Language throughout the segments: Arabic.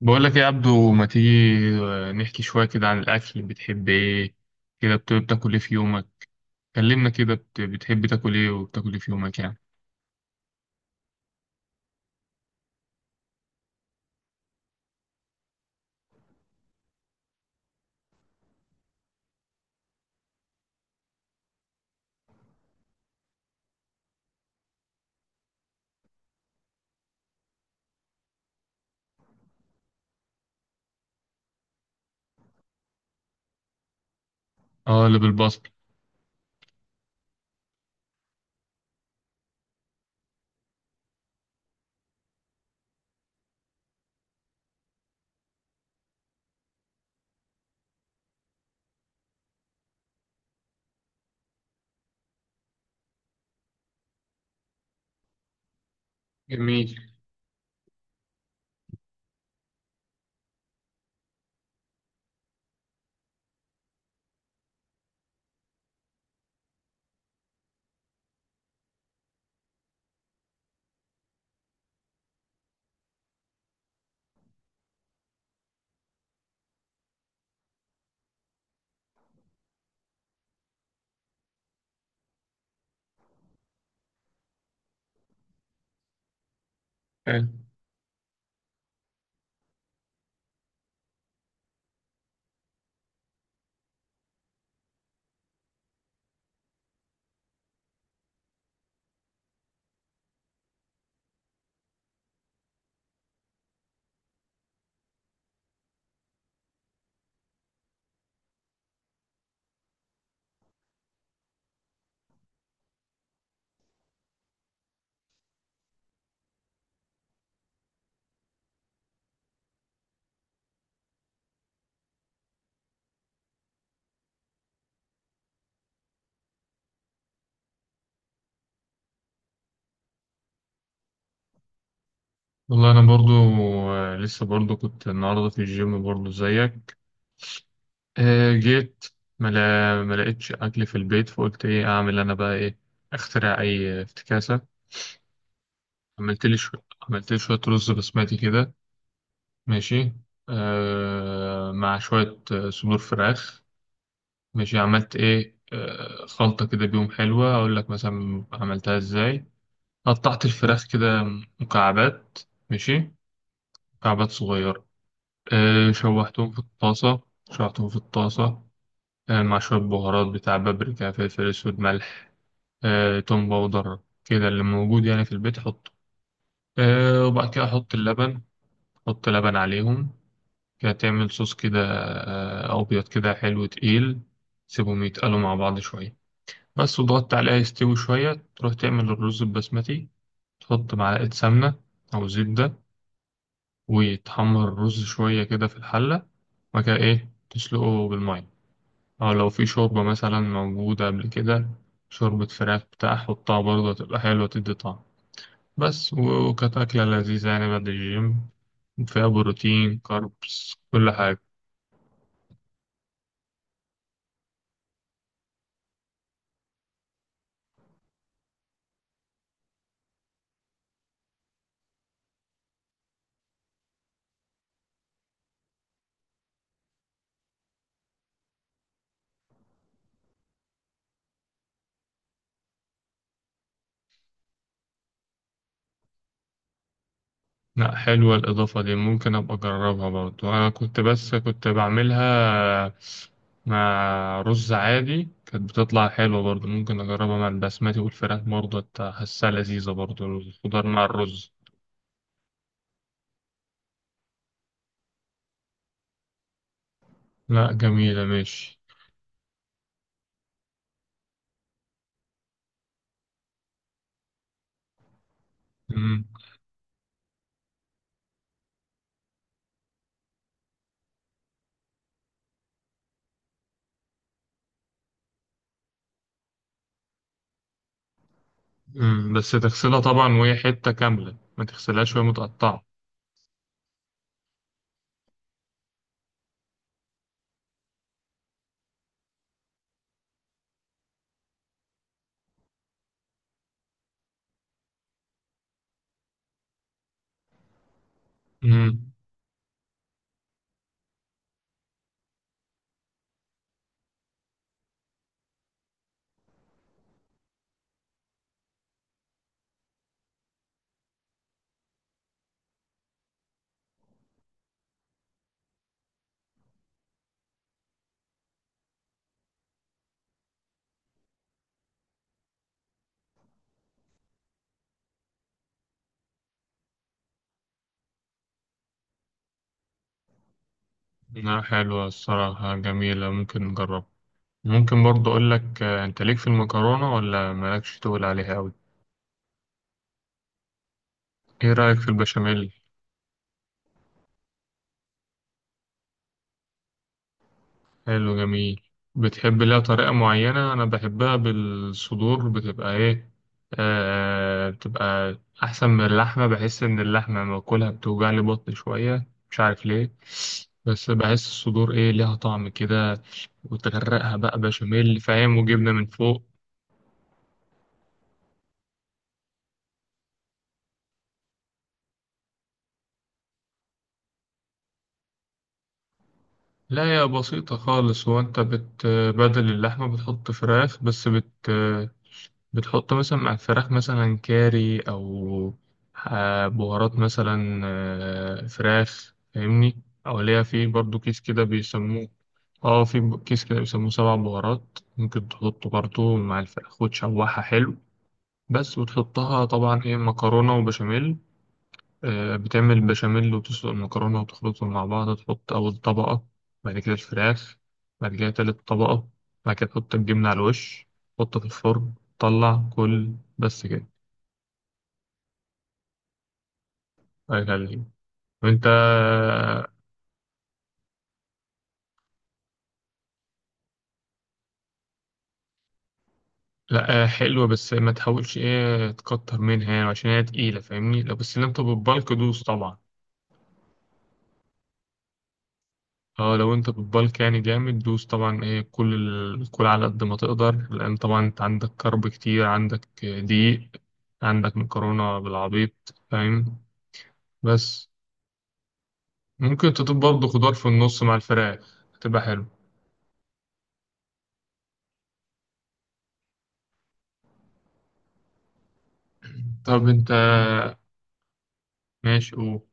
بقول لك إيه يا عبدو؟ ما تيجي نحكي شوية كده عن الأكل، بتحب إيه كده؟ بتاكل إيه في يومك؟ كلمنا كده، بتحب تاكل إيه وبتاكل إيه في يومك يعني؟ آه، اللي بالبصل. جميل. حلو. والله أنا برضو، لسه برضو كنت النهاردة في الجيم برضو زيك. جيت، ما لقيتش أكل في البيت، فقلت إيه أعمل أنا بقى؟ إيه أخترع أي افتكاسة. عملت لي شوية عملت لي شوية رز بسمتي كده. ماشي. مع شوية صدور فراخ. ماشي، عملت ايه؟ خلطة كده بيهم حلوة، اقول لك مثلا عملتها ازاي. قطعت الفراخ كده مكعبات. ماشي. مكعبات صغيرة. شوحتهم في الطاسة. شوحتهم في الطاسة مع شوية بهارات بتاع بابريكا، فلفل اسود، ملح، توم باودر، كده اللي موجود يعني في البيت حطه. وبعد كده احط اللبن، احط لبن عليهم، كده تعمل صوص كده، ابيض كده حلو تقيل. سيبهم يتقلوا مع بعض شوية بس، وضغطت عليها يستوي شوية، تروح تعمل الرز البسمتي. تحط معلقة سمنة أو زبدة، وتحمر الرز شوية كده في الحلة، وبعد كده إيه تسلقه بالمية، أو لو في شوربة مثلا موجودة قبل كده، شوربة فراخ بتاع حطها برضه تبقى حلوة تدي طعم. بس وكانت أكلة لذيذة يعني بعد الجيم، فيها بروتين كاربس كل حاجة. لا حلوة الإضافة دي، ممكن أبقى أجربها برضو. أنا كنت، بس كنت بعملها مع رز عادي كانت بتطلع حلوة برضو، ممكن أجربها مع البسمتي والفراخ برضو، حاسها لذيذة برضو الخضار مع الرز. لا جميلة. ماشي. مم. مم. بس تغسلها طبعا وهي حتة كاملة، ما تغسلهاش وهي متقطعة. مم. لا حلوة الصراحة، جميلة، ممكن نجربها. ممكن برضو أقول لك، أنت ليك في المكرونة ولا مالكش تقول عليها أوي؟ إيه رأيك في البشاميل؟ حلو. جميل. بتحب لها طريقة معينة؟ أنا بحبها بالصدور، بتبقى إيه، بتبقى أحسن من اللحمة، بحس إن اللحمة لما باكلها بتوجع لي بطني شوية، مش عارف ليه. بس بحس الصدور إيه ليها طعم كده، وتغرقها بقى بشاميل فاهم، وجبنة من فوق. لا يا بسيطة خالص، هو انت بدل اللحمة بتحط فراخ، بس بتحط مثلا مع الفراخ مثلا كاري، أو بهارات مثلا فراخ فاهمني، أو ليها في برضو كيس كده بيسموه. اه في كيس كده بيسموه سبع بهارات، ممكن تحطه برضو مع الفراخ وتشوحها حلو. بس وتحطها طبعا ايه مكرونة وبشاميل، بتعمل البشاميل وتسلق المكرونة وتخلطهم مع بعض، تحط أول طبقة، بعد كده الفراخ، بعد كده تالت طبقة، بعد كده تحط الجبنة على الوش، تحطه في الفرن، طلع كل بس كده أكل ليه. وأنت؟ لأ، حلوة بس ما تحاولش إيه تكتر منها يعني عشان هي تقيلة فاهمني، لو بس لم بالك دوس طبعا. اه لو انت بتبالك يعني جامد دوس طبعا ايه كل كل على قد ما تقدر، لان طبعا انت عندك كرب كتير، عندك دقيق، عندك مكرونة بالعبيط فاهم. بس ممكن تضيف برضه خضار في النص مع الفراخ هتبقى حلو. طب انت، ماشي، او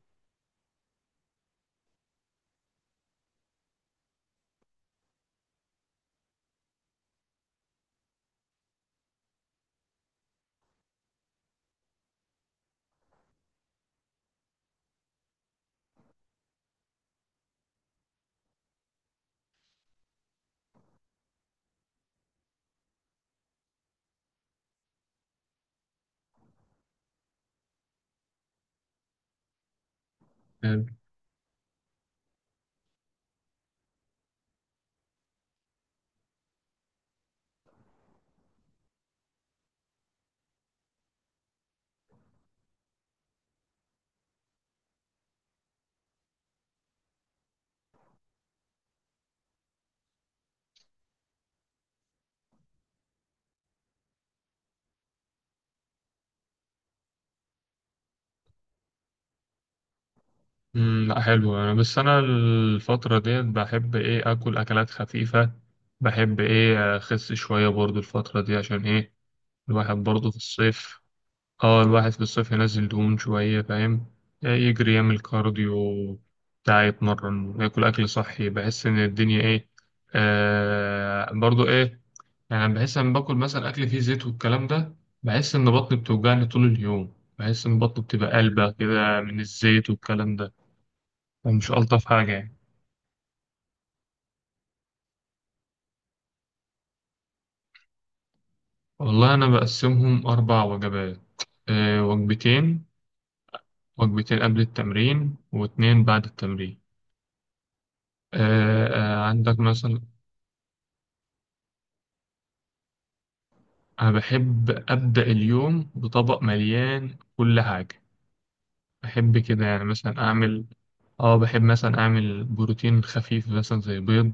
حلو. مم، لا حلو. انا بس انا الفترة ديت بحب ايه اكل اكلات خفيفة، بحب ايه اخس شوية برضه الفترة دي، عشان ايه الواحد برضه في الصيف. اه الواحد في الصيف ينزل دهون شوية فاهم، يجري يعمل كارديو بتاع يتمرن، ياكل أكل صحي، بحس إن الدنيا إيه، برضو إيه يعني، بحس إن باكل مثلا أكل فيه زيت والكلام ده، بحس إن بطني بتوجعني طول اليوم، بحس إن بطني بتبقى قلبة كده من الزيت والكلام ده. فمش ألطف حاجة يعني. والله أنا بقسمهم 4 وجبات، آه وجبتين. وجبتين قبل التمرين واتنين بعد التمرين. آه، عندك مثلا. أنا بحب أبدأ اليوم بطبق مليان كل حاجة، بحب كده يعني مثلا أعمل، بحب مثلا أعمل بروتين خفيف مثلا زي بيض،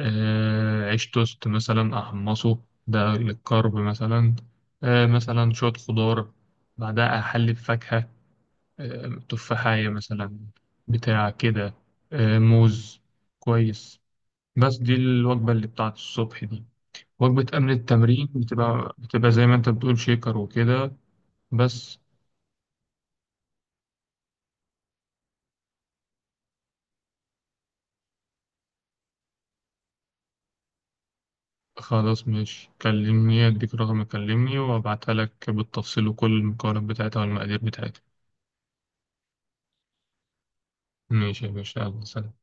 عيش توست مثلا أحمصه، ده للكارب مثلا، مثلا شوية خضار، بعدها أحلي بفاكهة، تفاحية مثلا، بتاع كده، موز. كويس. بس دي الوجبة اللي بتاعت الصبح دي. وجبة قبل التمرين بتبقى، زي ما أنت بتقول شيكر وكده بس. خلاص ماشي، كلمني اديك رقم، كلمني وابعتها لك بالتفصيل وكل المقارنات بتاعتها والمقادير بتاعتها. ماشي يا باشا، يلا سلام.